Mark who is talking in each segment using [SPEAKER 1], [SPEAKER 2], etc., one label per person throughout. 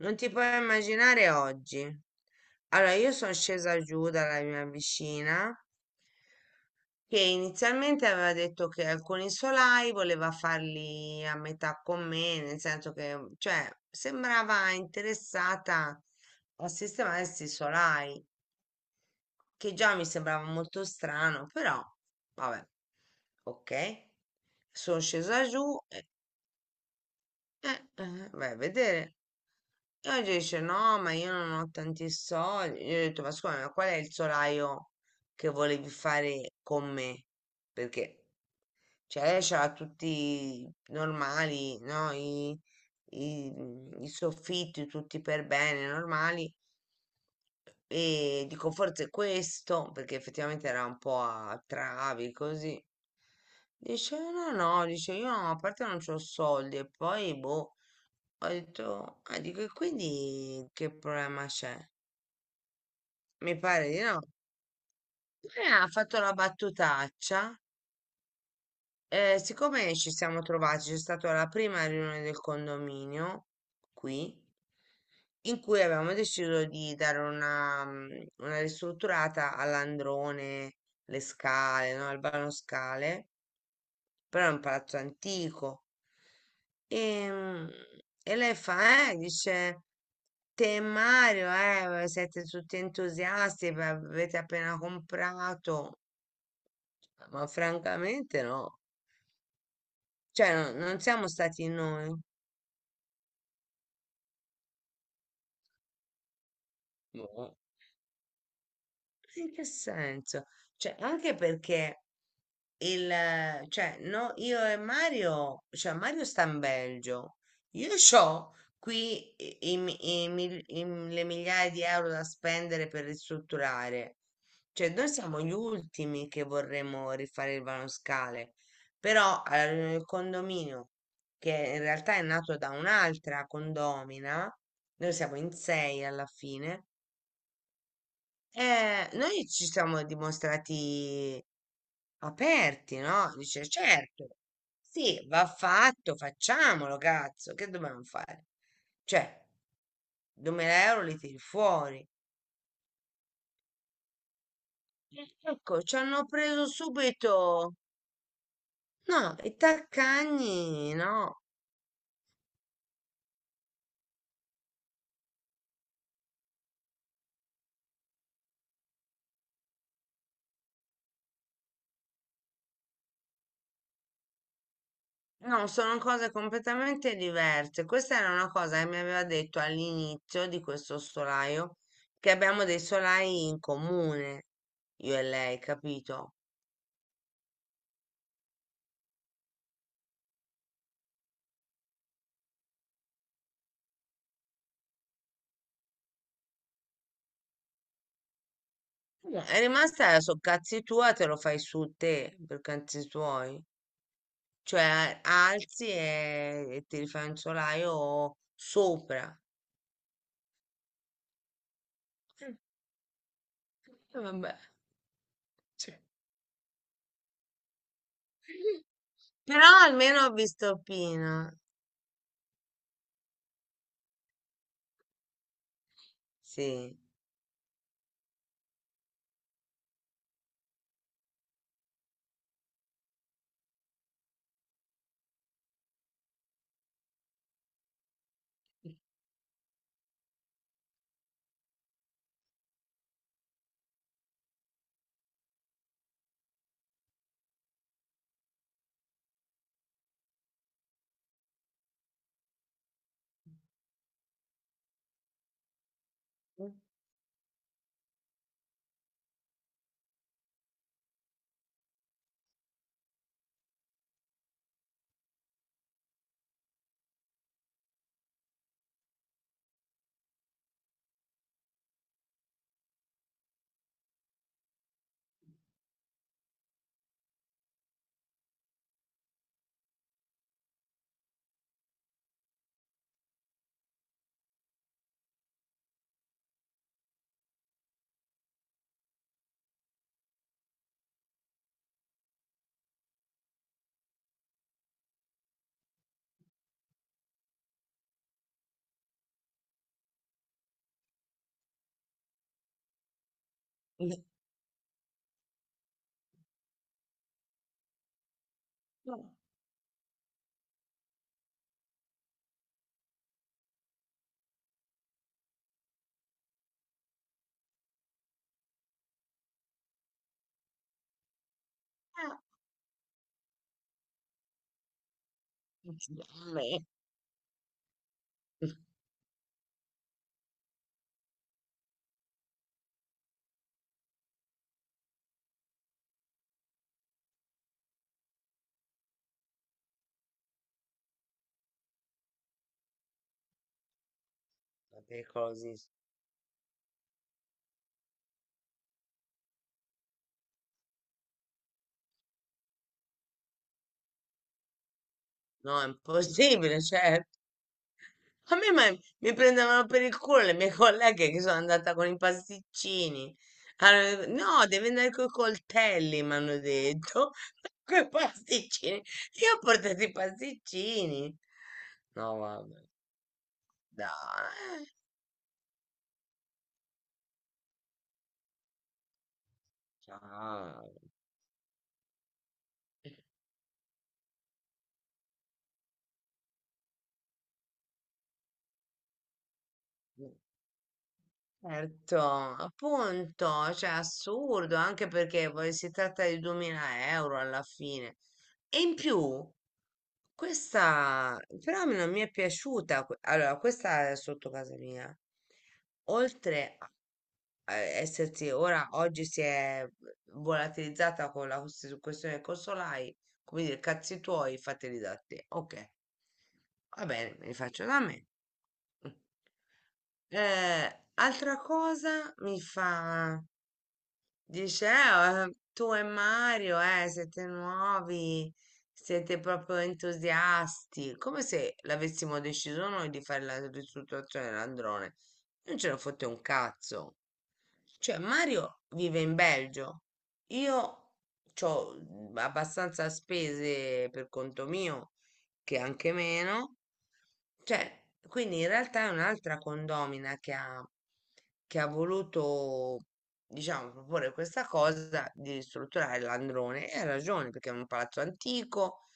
[SPEAKER 1] Non ti puoi immaginare oggi. Allora, io sono scesa giù dalla mia vicina che inizialmente aveva detto che alcuni solai voleva farli a metà con me, nel senso che, cioè, sembrava interessata a sistemare questi solai, che già mi sembrava molto strano, però, vabbè, ok. Sono scesa giù e, vai a vedere. E oggi dice no, ma io non ho tanti soldi. Io ho detto, ma scusa, ma qual è il solaio che volevi fare con me? Perché, cioè, lei c'ha tutti normali, no? I soffitti tutti per bene, normali. E dico, forse questo, perché effettivamente era un po' a travi, così. Dice, no, no, dice, io a parte non c'ho soldi e poi, boh. Ho detto, ah, dico, e quindi che problema c'è? Mi pare di no. Ha fatto la battutaccia. Eh, siccome ci siamo trovati, c'è stata la prima riunione del condominio qui, in cui avevamo deciso di dare una, una ristrutturata all'androne, le scale, no? Al vano scale, però è un palazzo antico. E, mm, e lei fa, dice, te e Mario, siete tutti entusiasti, beh, avete appena comprato, ma francamente no, cioè non siamo stati noi. Boh. In che senso? Cioè, anche perché cioè, no, io e Mario, cioè Mario sta in Belgio, io ho qui i- i mi- i mil- i m- le migliaia di euro da spendere per ristrutturare, cioè noi siamo gli ultimi che vorremmo rifare il vanoscale, però alla riunione del condominio, che in realtà è nato da un'altra condomina, noi siamo in sei alla fine, noi ci siamo dimostrati aperti, no? Dice, certo, sì, va fatto, facciamolo, cazzo, che dobbiamo fare? Cioè, 2000 euro li tiri fuori. Ecco, ci hanno preso subito. No, i taccagni, no. No, sono cose completamente diverse. Questa era una cosa che mi aveva detto all'inizio di questo solaio, che abbiamo dei solai in comune, io e lei, capito? No, è rimasta su cazzi tua, te lo fai su te per cazzi tuoi. Cioè, alzi e ti rifai un solaio sopra. Eh, Vabbè. Sì. Però almeno ho visto Pino. Sì. Vabbè, Vabbè, così. No, è impossibile, certo. A me mi prendevano per il culo le mie colleghe che sono andata con i pasticcini. Allora, no, devi andare con i coltelli, mi hanno detto. Con i pasticcini. Io ho portato i pasticcini. No, vabbè. Dai. Ciao. Certo, appunto, cioè assurdo, anche perché poi si tratta di 2000 euro alla fine. E in più, questa però non mi è piaciuta. Allora, questa è sotto casa mia. Oltre a essersi, ora oggi si è volatilizzata con la questione dei consolai, come dire, cazzi tuoi, fateli da te. Ok. Va bene, me li faccio da me. Mm. Altra cosa mi fa. Dice, tu e Mario, siete nuovi, siete proprio entusiasti", come se l'avessimo deciso noi di fare la ristrutturazione dell'androne. Non ce ne fotte un cazzo. Cioè, Mario vive in Belgio, io ho abbastanza spese per conto mio, che anche meno. Cioè, quindi in realtà è un'altra condomina che ha voluto diciamo, proporre questa cosa di ristrutturare l'androne e ha ragione perché è un palazzo antico,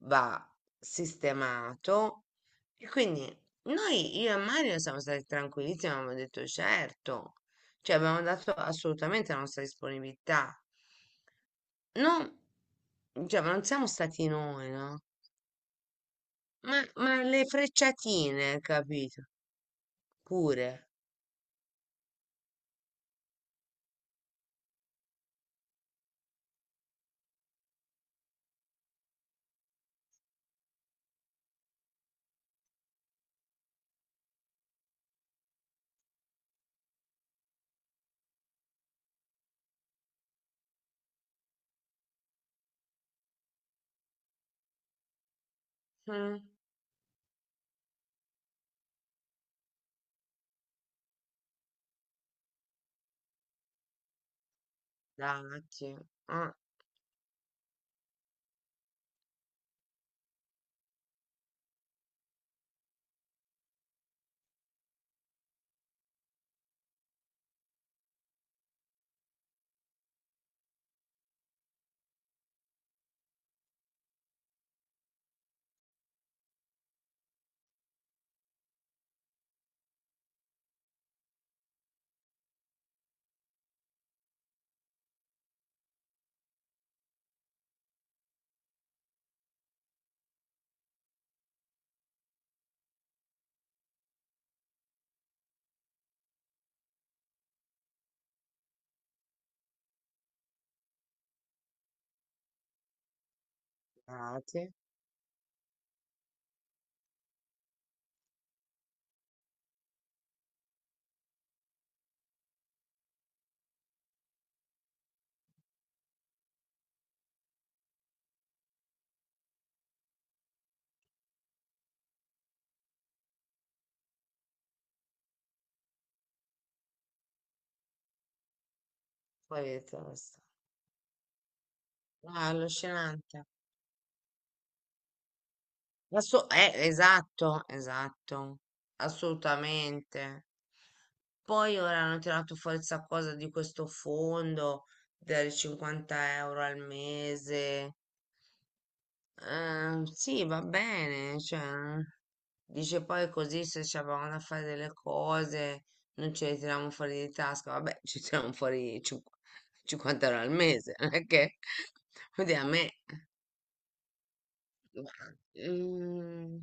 [SPEAKER 1] va sistemato e quindi noi, io e Mario, siamo stati tranquillissimi, abbiamo detto certo, cioè abbiamo dato assolutamente la nostra disponibilità. Non, cioè, ma non siamo stati noi, no? Ma le frecciatine, capito? Pure. Mm, dati, ah, dati, poi basta. Ah, allucinante. Esatto, esatto, assolutamente. Poi ora hanno tirato fuori questa cosa di questo fondo dei 50 euro al mese. Sì, va bene, cioè, dice poi così se ci avevamo da fare delle cose non ce le tiriamo fuori di tasca, vabbè, ci tiriamo fuori 50 euro al mese, non è che, Oddio, a me... Mm,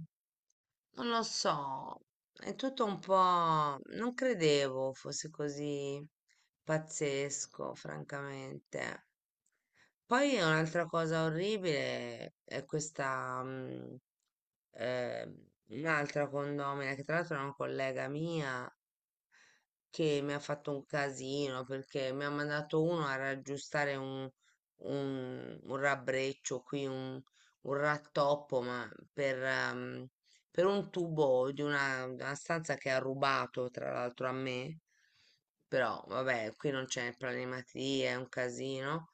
[SPEAKER 1] non lo so, è tutto un po'... Non credevo fosse così pazzesco, francamente. Poi un'altra cosa orribile è questa, eh, un'altra condomina, che tra l'altro è una collega mia, che mi ha fatto un casino perché mi ha mandato uno a raggiustare un rabbreccio qui, un rattoppo, ma per un tubo di una stanza che ha rubato tra l'altro a me. Però vabbè, qui non c'è planimetria, è un casino.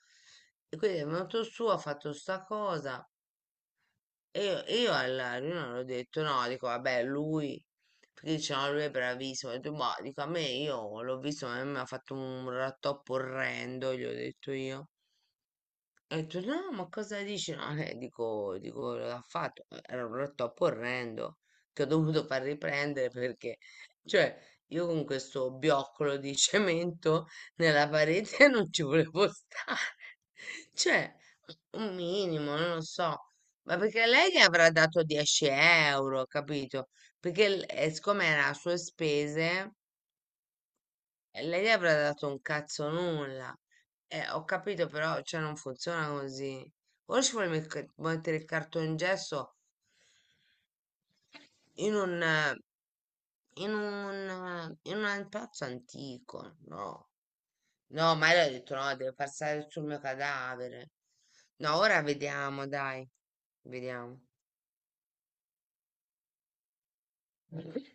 [SPEAKER 1] E quindi è venuto su, ha fatto sta cosa. E io alla riunione ho detto no, dico vabbè, lui, perché dicevano lui è bravissimo, ho detto boh, dico a me io l'ho visto, ma a me mi ha fatto un rattoppo orrendo, gli ho detto io. E torno, "No, ma cosa dici?" No, dico, l'ha fatto. Era un rotto orrendo che ho dovuto far riprendere perché, cioè, io con questo bioccolo di cemento nella parete non ci volevo stare. Cioè, un minimo, non lo so. Ma perché lei gli avrà dato 10 euro, capito? Perché, siccome era a sue spese, lei gli avrà dato un cazzo nulla. Ho capito, però, cioè, non funziona così. Ora ci vuole mettere il cartongesso in un, in un pezzo antico, no? No, ma io ho detto no, deve passare sul mio cadavere. No, ora vediamo, dai, vediamo.